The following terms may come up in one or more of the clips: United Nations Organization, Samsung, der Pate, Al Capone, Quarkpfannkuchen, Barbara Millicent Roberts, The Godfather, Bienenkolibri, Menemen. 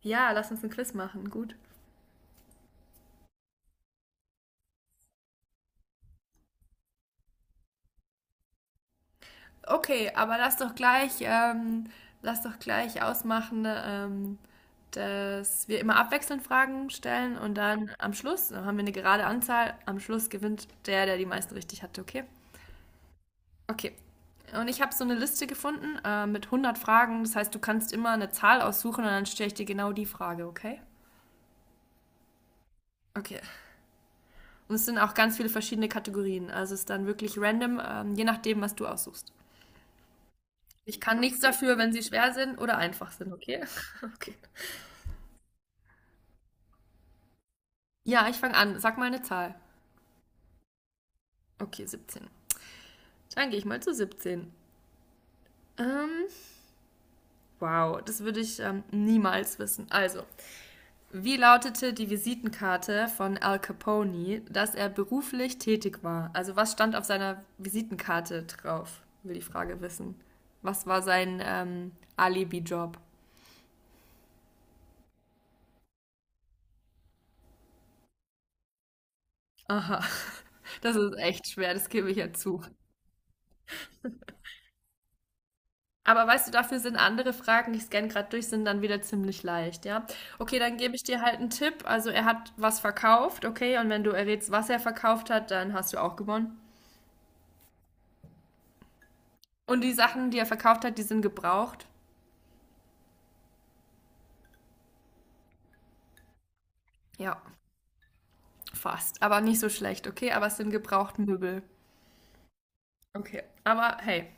Ja, lass uns ein Quiz machen. Gut. Okay, aber lass doch gleich ausmachen, dass wir immer abwechselnd Fragen stellen und dann am Schluss, dann haben wir eine gerade Anzahl. Am Schluss gewinnt der, der die meisten richtig hatte, okay? Okay. Und ich habe so eine Liste gefunden mit 100 Fragen. Das heißt, du kannst immer eine Zahl aussuchen und dann stelle ich dir genau die Frage, okay? Okay. Und es sind auch ganz viele verschiedene Kategorien. Also es ist dann wirklich random, je nachdem, was du aussuchst. Ich kann nichts dafür, wenn sie schwer sind oder einfach sind, okay? Okay. Ja, ich fange an. Sag mal eine Zahl. Okay, 17. Dann gehe ich mal zu 17. Ähm, wow, das würde ich niemals wissen. Also, wie lautete die Visitenkarte von Al Capone, dass er beruflich tätig war? Also, was stand auf seiner Visitenkarte drauf? Will die Frage wissen. Was war sein Alibi-Job? Aha, das ist echt schwer, das gebe ich ja zu. Aber weißt du, dafür sind andere Fragen, ich scanne gerade durch, sind dann wieder ziemlich leicht, ja? Okay, dann gebe ich dir halt einen Tipp. Also er hat was verkauft, okay? Und wenn du errätst, was er verkauft hat, dann hast du auch gewonnen. Und die Sachen, die er verkauft hat, die sind gebraucht. Ja, fast. Aber nicht so schlecht, okay? Aber es sind gebraucht Möbel. Okay. Aber hey,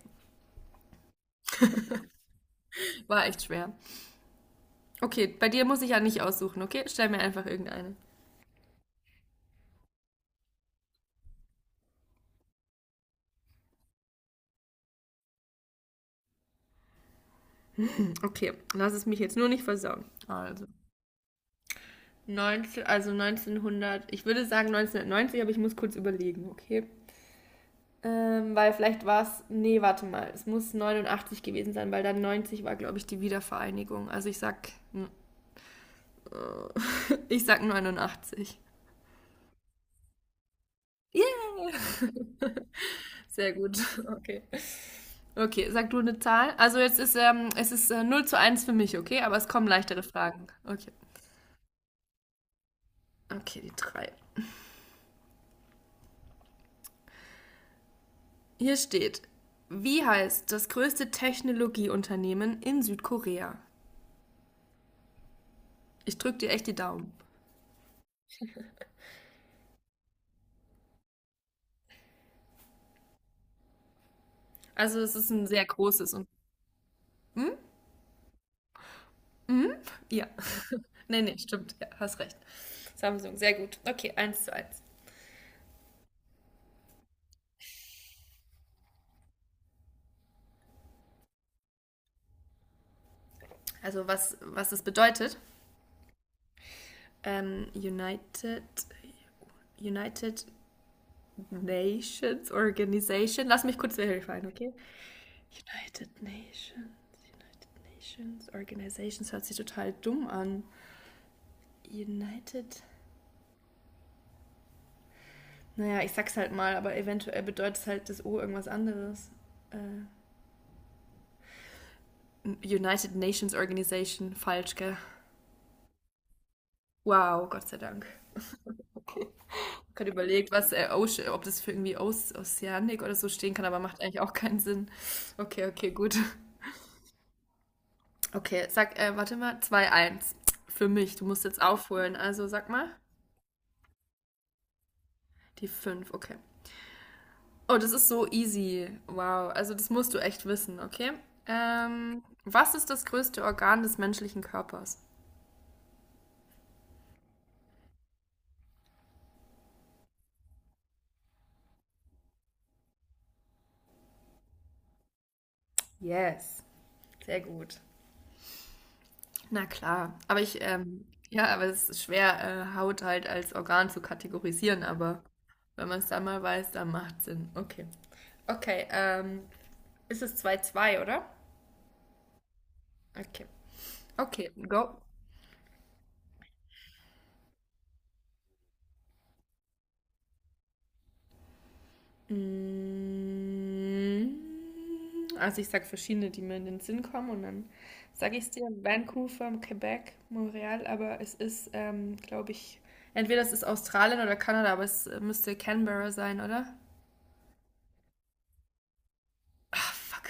war echt schwer. Okay, bei dir muss ich ja nicht aussuchen, okay? Stell mir einfach irgendeine. Okay, lass es mich jetzt nur nicht versauen. 19, also 1900, ich würde sagen 1990, aber ich muss kurz überlegen, okay? Weil vielleicht war es, nee, warte mal, es muss 89 gewesen sein, weil dann 90 war, glaube ich, die Wiedervereinigung. Also ich sag, ich sag 89. Yeah! Sehr gut, okay. Okay, sag du eine Zahl. Also jetzt ist, es ist 0 zu eins für mich, okay? Aber es kommen leichtere Fragen. Okay, okay, die drei. Hier steht, wie heißt das größte Technologieunternehmen in Südkorea? Ich drücke dir echt die Daumen. Also es ist ein sehr großes und... Hm? Hm? Ja. Nee, nee, stimmt. Ja, hast recht. Samsung, sehr gut. Okay, 1:1. Also was, was das bedeutet. Ähm, United, United Nations Organization. Lass mich kurz verifizieren, okay? United Nations, United Nations Organizations hört sich total dumm an. United. Naja, ich sag's halt mal, aber eventuell bedeutet halt das O irgendwas anderes. Äh, United Nations Organization, falsch, gell? Wow, Gott sei Dank. Gerade überlegt, was, Oce- ob das für irgendwie Oceanic oder so stehen kann, aber macht eigentlich auch keinen Sinn. Okay, okay, gut. Okay, sag, warte mal, 2:1 für mich. Du musst jetzt aufholen. Also sag mal, die 5. Okay. Oh, das ist so easy. Wow, also das musst du echt wissen, okay? Was ist das größte Organ des menschlichen Körpers? Yes, sehr gut. Na klar, aber ich, ja, aber es ist schwer, Haut halt als Organ zu kategorisieren, aber wenn man es dann mal weiß, dann macht es Sinn. Okay. Okay, ist es 2:2, oder? Okay. Okay, go. Mm, Also ich sag verschiedene, die mir in den Sinn kommen und dann sage ich es dir. Vancouver, Quebec, Montreal, aber es ist, glaube ich, entweder es ist Australien oder Kanada, aber es müsste Canberra sein, oder? Ah, fuck.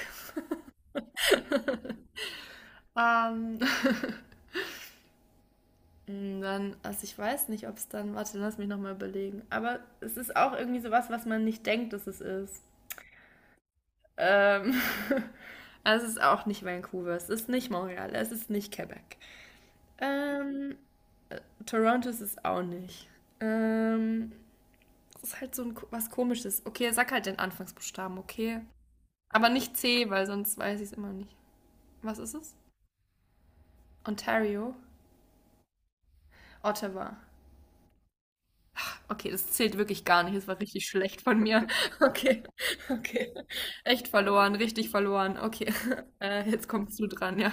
Ähm, Dann, also ich weiß nicht, ob es dann, warte, lass mich nochmal überlegen. Aber es ist auch irgendwie sowas, was man nicht denkt, dass es ist. Ähm, also es ist auch nicht Vancouver, es ist nicht Montreal, es ist nicht Quebec. Ähm, Toronto ist es auch nicht. Ähm, es ist halt so ein, was Komisches. Okay, sag halt den Anfangsbuchstaben, okay? Aber nicht C, weil sonst weiß ich es immer nicht. Was ist es? Ontario? Ottawa. Okay, das zählt wirklich gar nicht. Das war richtig schlecht von mir. Okay, okay. Echt verloren, richtig verloren. Okay, jetzt kommst du dran, ja.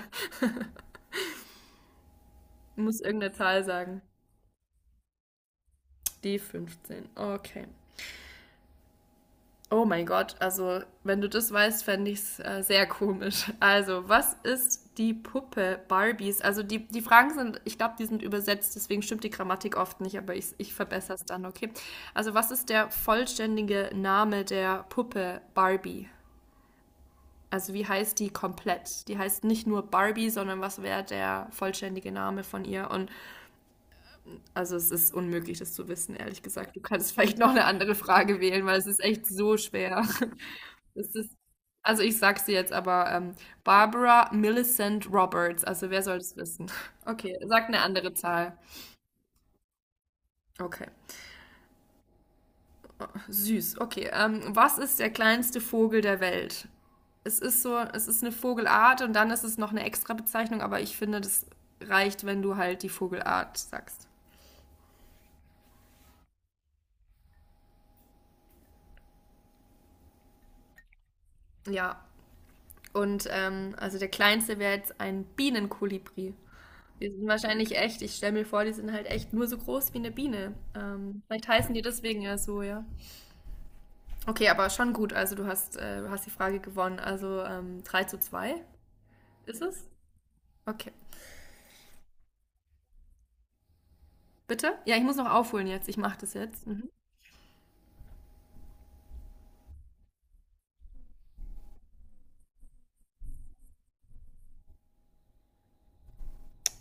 Du musst irgendeine Zahl sagen. Die 15. Okay. Oh mein Gott, also wenn du das weißt, fände ich es sehr komisch. Also, was ist die Puppe Barbies? Also die, die Fragen sind, ich glaube, die sind übersetzt, deswegen stimmt die Grammatik oft nicht, aber ich verbessere es dann, okay? Also, was ist der vollständige Name der Puppe Barbie? Also wie heißt die komplett? Die heißt nicht nur Barbie, sondern was wäre der vollständige Name von ihr? Und also es ist unmöglich, das zu wissen, ehrlich gesagt. Du kannst vielleicht noch eine andere Frage wählen, weil es ist echt so schwer. Es ist, also ich sag's dir jetzt aber, Barbara Millicent Roberts. Also wer soll das wissen? Okay, sag eine andere Zahl. Okay. Süß, okay. Was ist der kleinste Vogel der Welt? Es ist so, es ist eine Vogelart und dann ist es noch eine extra Bezeichnung, aber ich finde, das reicht, wenn du halt die Vogelart sagst. Ja, und also der kleinste wäre jetzt ein Bienenkolibri. Die sind wahrscheinlich echt, ich stelle mir vor, die sind halt echt nur so groß wie eine Biene. Vielleicht heißen die deswegen ja so, ja. Okay, aber schon gut, also du hast die Frage gewonnen. Also 3 zu zwei ist es? Okay. Bitte? Ja, ich muss noch aufholen jetzt. Ich mache das jetzt. Mhm.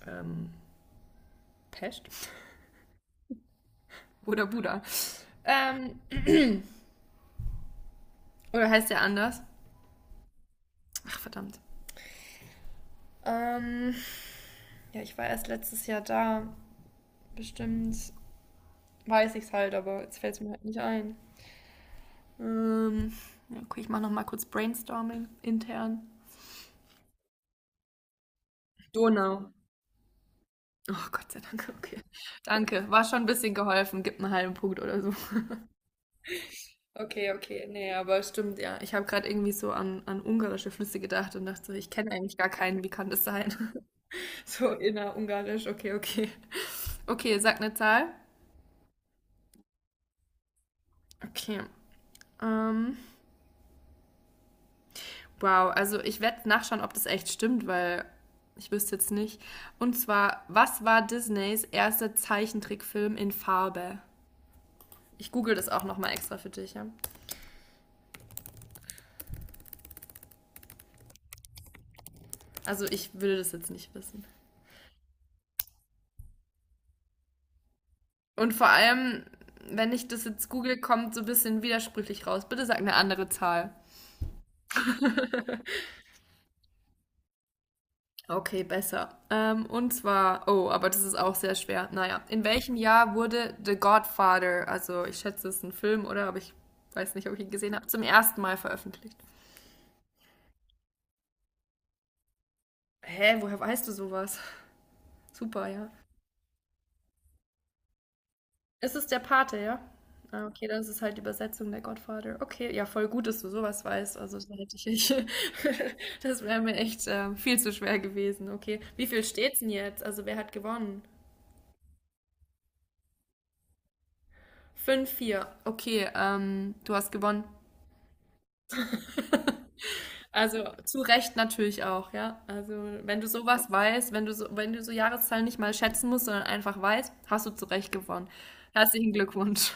Ähm, Pest? Oder Buddha? Ähm, oder heißt der anders? Ach, verdammt. Ähm, ja, ich war erst letztes Jahr da. Bestimmt weiß ich es halt, aber jetzt fällt es mir halt nicht ein. Ähm, ja, okay, ich mache noch mal kurz Brainstorming intern. Donau. Oh, Gott sei Dank, okay. Danke, war schon ein bisschen geholfen. Gib einen halben Punkt oder so. Okay, okay. Nee, aber stimmt, ja. Ich habe gerade irgendwie so an, an ungarische Flüsse gedacht und dachte, so, ich kenne eigentlich gar keinen. Wie kann das sein? So innerungarisch. Okay, okay. Okay, sag eine Zahl. Okay. Ähm, wow, also ich werde nachschauen, ob das echt stimmt, weil ich wüsste jetzt nicht. Und zwar, was war Disneys erster Zeichentrickfilm in Farbe? Ich google das auch nochmal extra für dich, ja. Also ich würde das jetzt nicht wissen. Und vor allem, wenn ich das jetzt google, kommt so ein bisschen widersprüchlich raus. Bitte sag eine andere Zahl. Okay, besser. Und zwar, oh, aber das ist auch sehr schwer. Naja, in welchem Jahr wurde The Godfather, also ich schätze, es ist ein Film, oder? Aber ich weiß nicht, ob ich ihn gesehen habe, zum ersten Mal veröffentlicht. Hä, woher weißt du sowas? Super, ja. Ist es der Pate, ja? Ah, okay, das ist halt die Übersetzung der Godfather. Okay, ja, voll gut, dass du sowas weißt. Also, da hätte ich, das wäre mir echt viel zu schwer gewesen. Okay, wie viel steht's denn jetzt? Also, wer hat gewonnen? 5:4. Okay, du hast gewonnen. Also, zu Recht natürlich auch, ja? Also, wenn du sowas weißt, wenn du so Jahreszahlen nicht mal schätzen musst, sondern einfach weißt, hast du zu Recht gewonnen. Herzlichen Glückwunsch.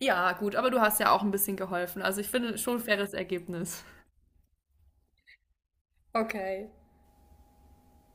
Ja, gut, aber du hast ja auch ein bisschen geholfen. Also, ich finde schon ein faires Ergebnis. Okay.